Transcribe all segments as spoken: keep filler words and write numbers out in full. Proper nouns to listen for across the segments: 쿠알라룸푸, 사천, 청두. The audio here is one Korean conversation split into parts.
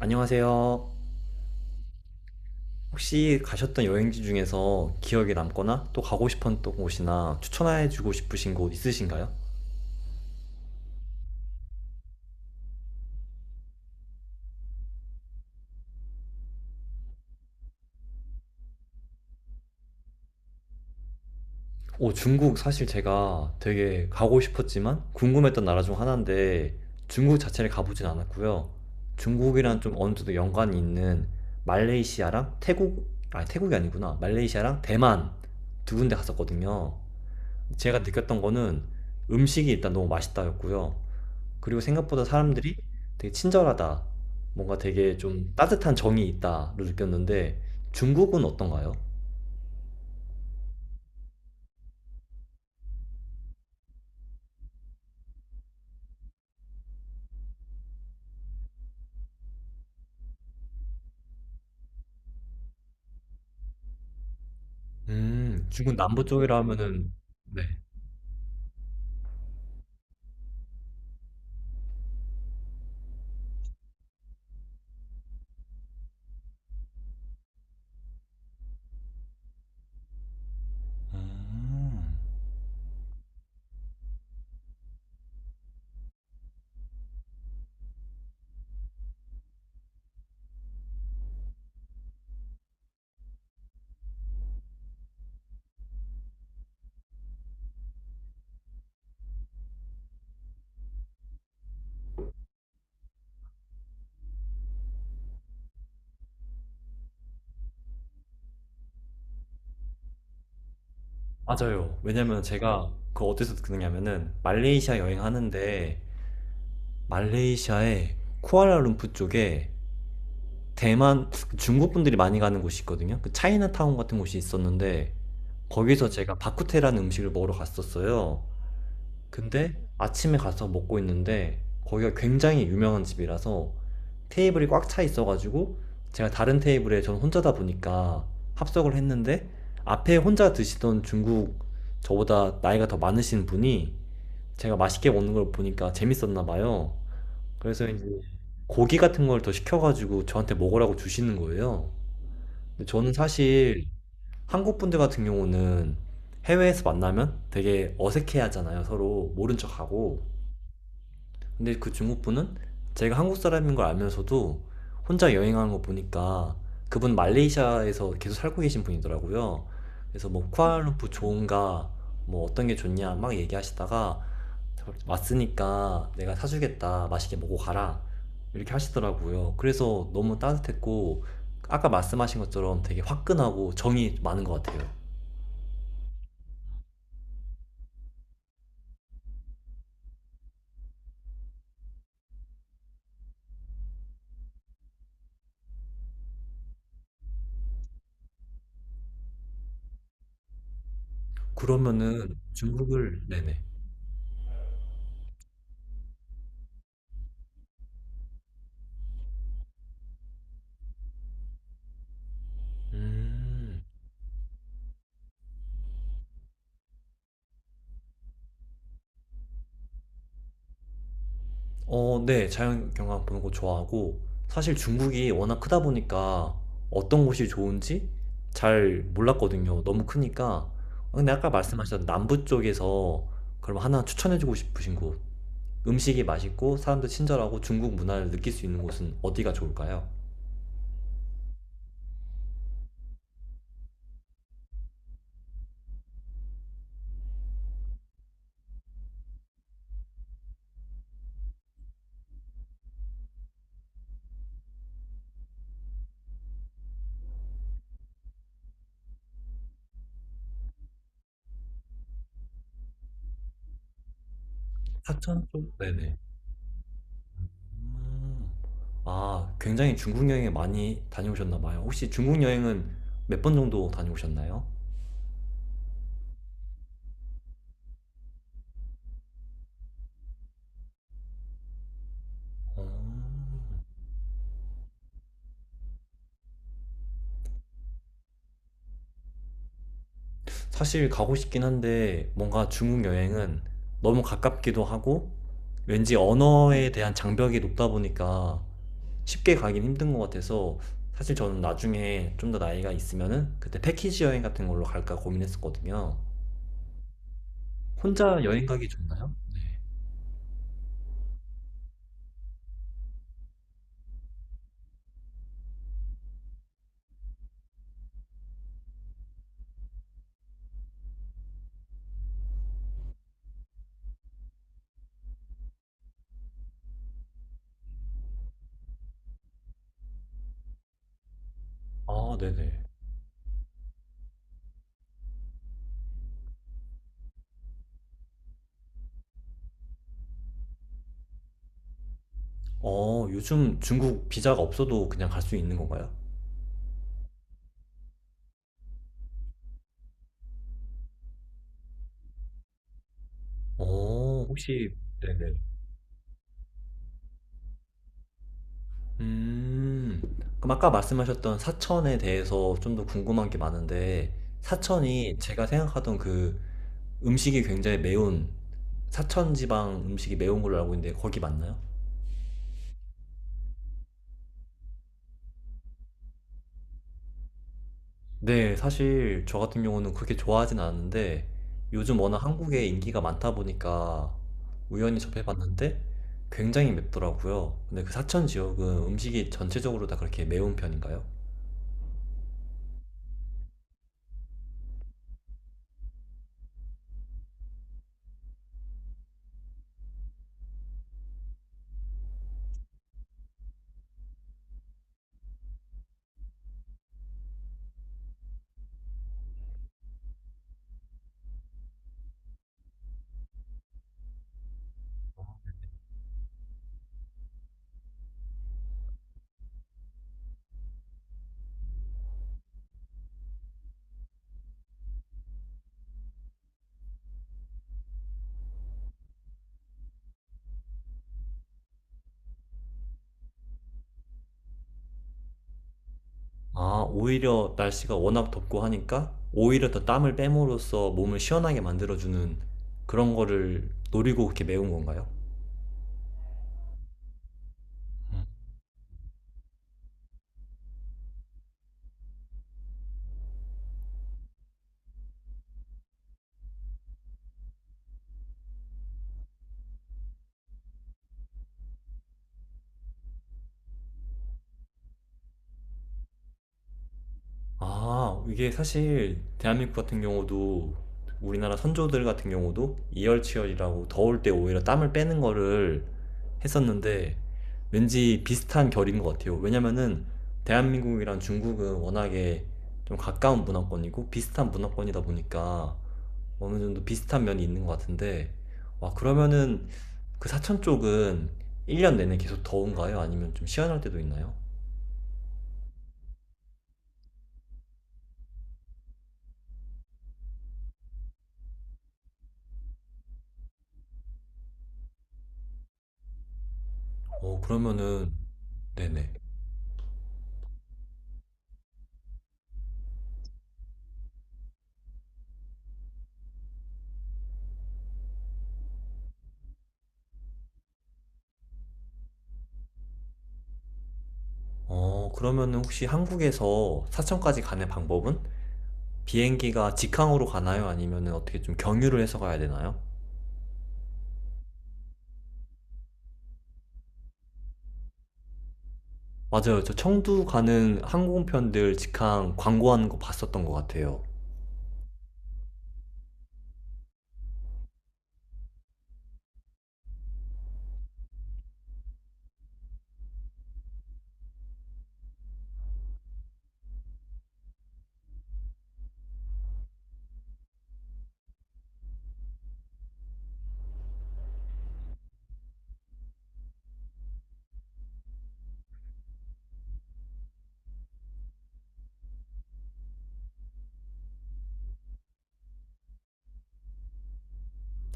안녕하세요. 혹시 가셨던 여행지 중에서 기억에 남거나 또 가고 싶었던 곳이나 추천해주고 싶으신 곳 있으신가요? 오, 중국 사실 제가 되게 가고 싶었지만 궁금했던 나라 중 하나인데 중국 자체를 가보진 않았고요. 중국이랑 좀 어느 정도 연관이 있는 말레이시아랑 태국, 아니 태국이 아니구나. 말레이시아랑 대만 두 군데 갔었거든요. 제가 느꼈던 거는 음식이 일단 너무 맛있다였고요. 그리고 생각보다 사람들이 되게 친절하다. 뭔가 되게 좀 따뜻한 정이 있다로 느꼈는데 중국은 어떤가요? 음, 중국 남부 쪽이라 하면은 네. 음, 맞아요. 왜냐면 제가 그 어디서 듣느냐면은 말레이시아 여행하는데 말레이시아의 쿠알라룸푸 쪽에 대만 그 중국 분들이 많이 가는 곳이 있거든요. 그 차이나타운 같은 곳이 있었는데 거기서 제가 바쿠테라는 음식을 먹으러 갔었어요. 근데 아침에 가서 먹고 있는데 거기가 굉장히 유명한 집이라서 테이블이 꽉 차 있어가지고 제가 다른 테이블에 저는 혼자다 보니까 합석을 했는데 앞에 혼자 드시던 중국 저보다 나이가 더 많으신 분이 제가 맛있게 먹는 걸 보니까 재밌었나 봐요. 그래서 이제 고기 같은 걸 더 시켜가지고 저한테 먹으라고 주시는 거예요. 근데 저는 사실 한국 분들 같은 경우는 해외에서 만나면 되게 어색해 하잖아요. 서로 모른 척하고. 근데 그 중국분은 제가 한국 사람인 걸 알면서도 혼자 여행하는 거 보니까 그분 말레이시아에서 계속 살고 계신 분이더라고요. 그래서 뭐 쿠알푸프 좋은가, 뭐 어떤 게 좋냐 막 얘기하시다가 왔으니까 내가 사주겠다, 맛있게 먹고 가라 이렇게 하시더라고요. 그래서 너무 따뜻했고 아까 말씀하신 것처럼 되게 화끈하고 정이 많은 것 같아요. 그러면은 중국을 네네. 음. 어 네. 자연 경관 보는 거 좋아하고 사실 중국이 워낙 크다 보니까 어떤 곳이 좋은지 잘 몰랐거든요, 너무 크니까. 어 근데 아까 말씀하셨던 남부 쪽에서 그럼 하나 추천해 주고 싶으신 곳, 음식이 맛있고 사람들 친절하고 중국 문화를 느낄 수 있는 곳은 어디가 좋을까요? 사천 쪽? 네네. 음. 아 굉장히 중국 여행에 많이 다녀오셨나 봐요. 혹시 중국 여행은 몇 번 정도 다녀오셨나요? 어. 사실 가고 싶긴 한데 뭔가 중국 여행은 너무 가깝기도 하고 왠지 언어에 대한 장벽이 높다 보니까 쉽게 가긴 힘든 것 같아서 사실 저는 나중에 좀 더 나이가 있으면은 그때 패키지 여행 같은 걸로 갈까 고민했었거든요. 혼자 여행 가기 좋나요? 아, 네네. 어, 요즘 중국 비자가 없어도 그냥 갈 수 있는 건가요? 어, 혹시, 네네. 음. 그럼 아까 말씀하셨던 사천에 대해서 좀 더 궁금한 게 많은데, 사천이 제가 생각하던 그 음식이 굉장히 매운, 사천 지방 음식이 매운 걸로 알고 있는데, 거기 맞나요? 네, 사실 저 같은 경우는 그렇게 좋아하진 않았는데, 요즘 워낙 한국에 인기가 많다 보니까 우연히 접해봤는데, 굉장히 맵더라고요. 근데 그 사천 지역은 음식이 전체적으로 다 그렇게 매운 편인가요? 아, 오히려 날씨가 워낙 덥고 하니까 오히려 더 땀을 빼므로써 몸을 시원하게 만들어주는 그런 거를 노리고 그렇게 매운 건가요? 음. 아, 이게 사실 대한민국 같은 경우도 우리나라 선조들 같은 경우도 이열치열이라고 더울 때 오히려 땀을 빼는 거를 했었는데 왠지 비슷한 결인 것 같아요. 왜냐면은 대한민국이랑 중국은 워낙에 좀 가까운 문화권이고 비슷한 문화권이다 보니까 어느 정도 비슷한 면이 있는 것 같은데, 와, 그러면은 그 사천 쪽은 일 년 내내 계속 더운가요? 아니면 좀 시원할 때도 있나요? 어, 그러면은, 네네. 어, 그러면은 혹시 한국에서 사천까지 가는 방법은 비행기가 직항으로 가나요? 아니면은 어떻게 좀 경유를 해서 가야 되나요? 맞아요. 저 청두 가는 항공편들 직항 광고하는 거 봤었던 것 같아요.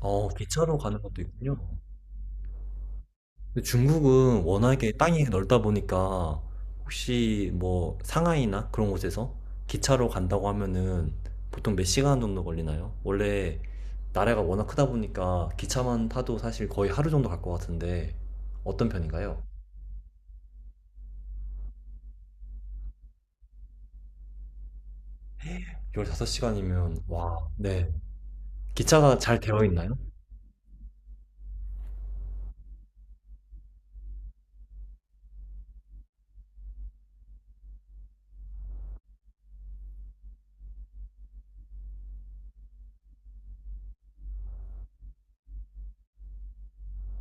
어, 기차로 가는 것도 있군요. 근데 중국은 워낙에 땅이 넓다 보니까 혹시 뭐 상하이나 그런 곳에서 기차로 간다고 하면은 보통 몇 시간 정도 걸리나요? 원래 나라가 워낙 크다 보니까 기차만 타도 사실 거의 하루 정도 갈 것 같은데 어떤 편인가요? 십오 시간이면 와, 네. 기차가 잘 되어 있나요?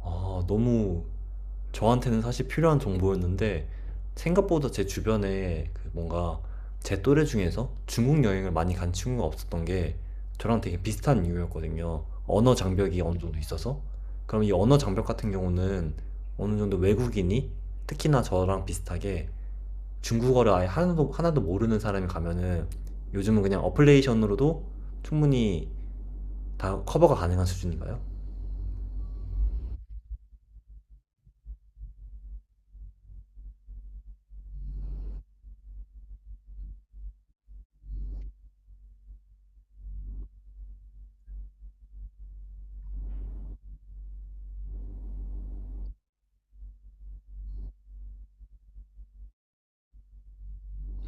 아, 너무 저한테는 사실 필요한 정보였는데 생각보다 제 주변에 그 뭔가 제 또래 중에서 중국 여행을 많이 간 친구가 없었던 게 저랑 되게 비슷한 이유였거든요. 언어 장벽이 어느 정도 있어서. 그럼 이 언어 장벽 같은 경우는 어느 정도 외국인이 특히나 저랑 비슷하게 중국어를 아예 하나도, 하나도 모르는 사람이 가면은 요즘은 그냥 어플레이션으로도 충분히 다 커버가 가능한 수준인가요?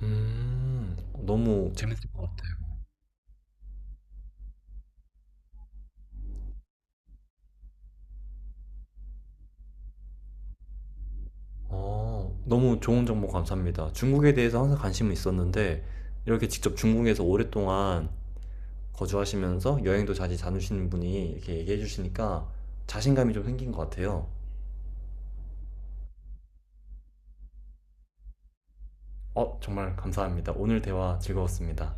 음, 너무 재밌을 것 같아. 어, 너무 좋은 정보 감사합니다. 중국에 대해서 항상 관심은 있었는데, 이렇게 직접 중국에서 오랫동안 거주하시면서 여행도 자주 다니시는 분이 이렇게 얘기해 주시니까 자신감이 좀 생긴 것 같아요. 어, 정말 감사합니다. 오늘 대화 즐거웠습니다.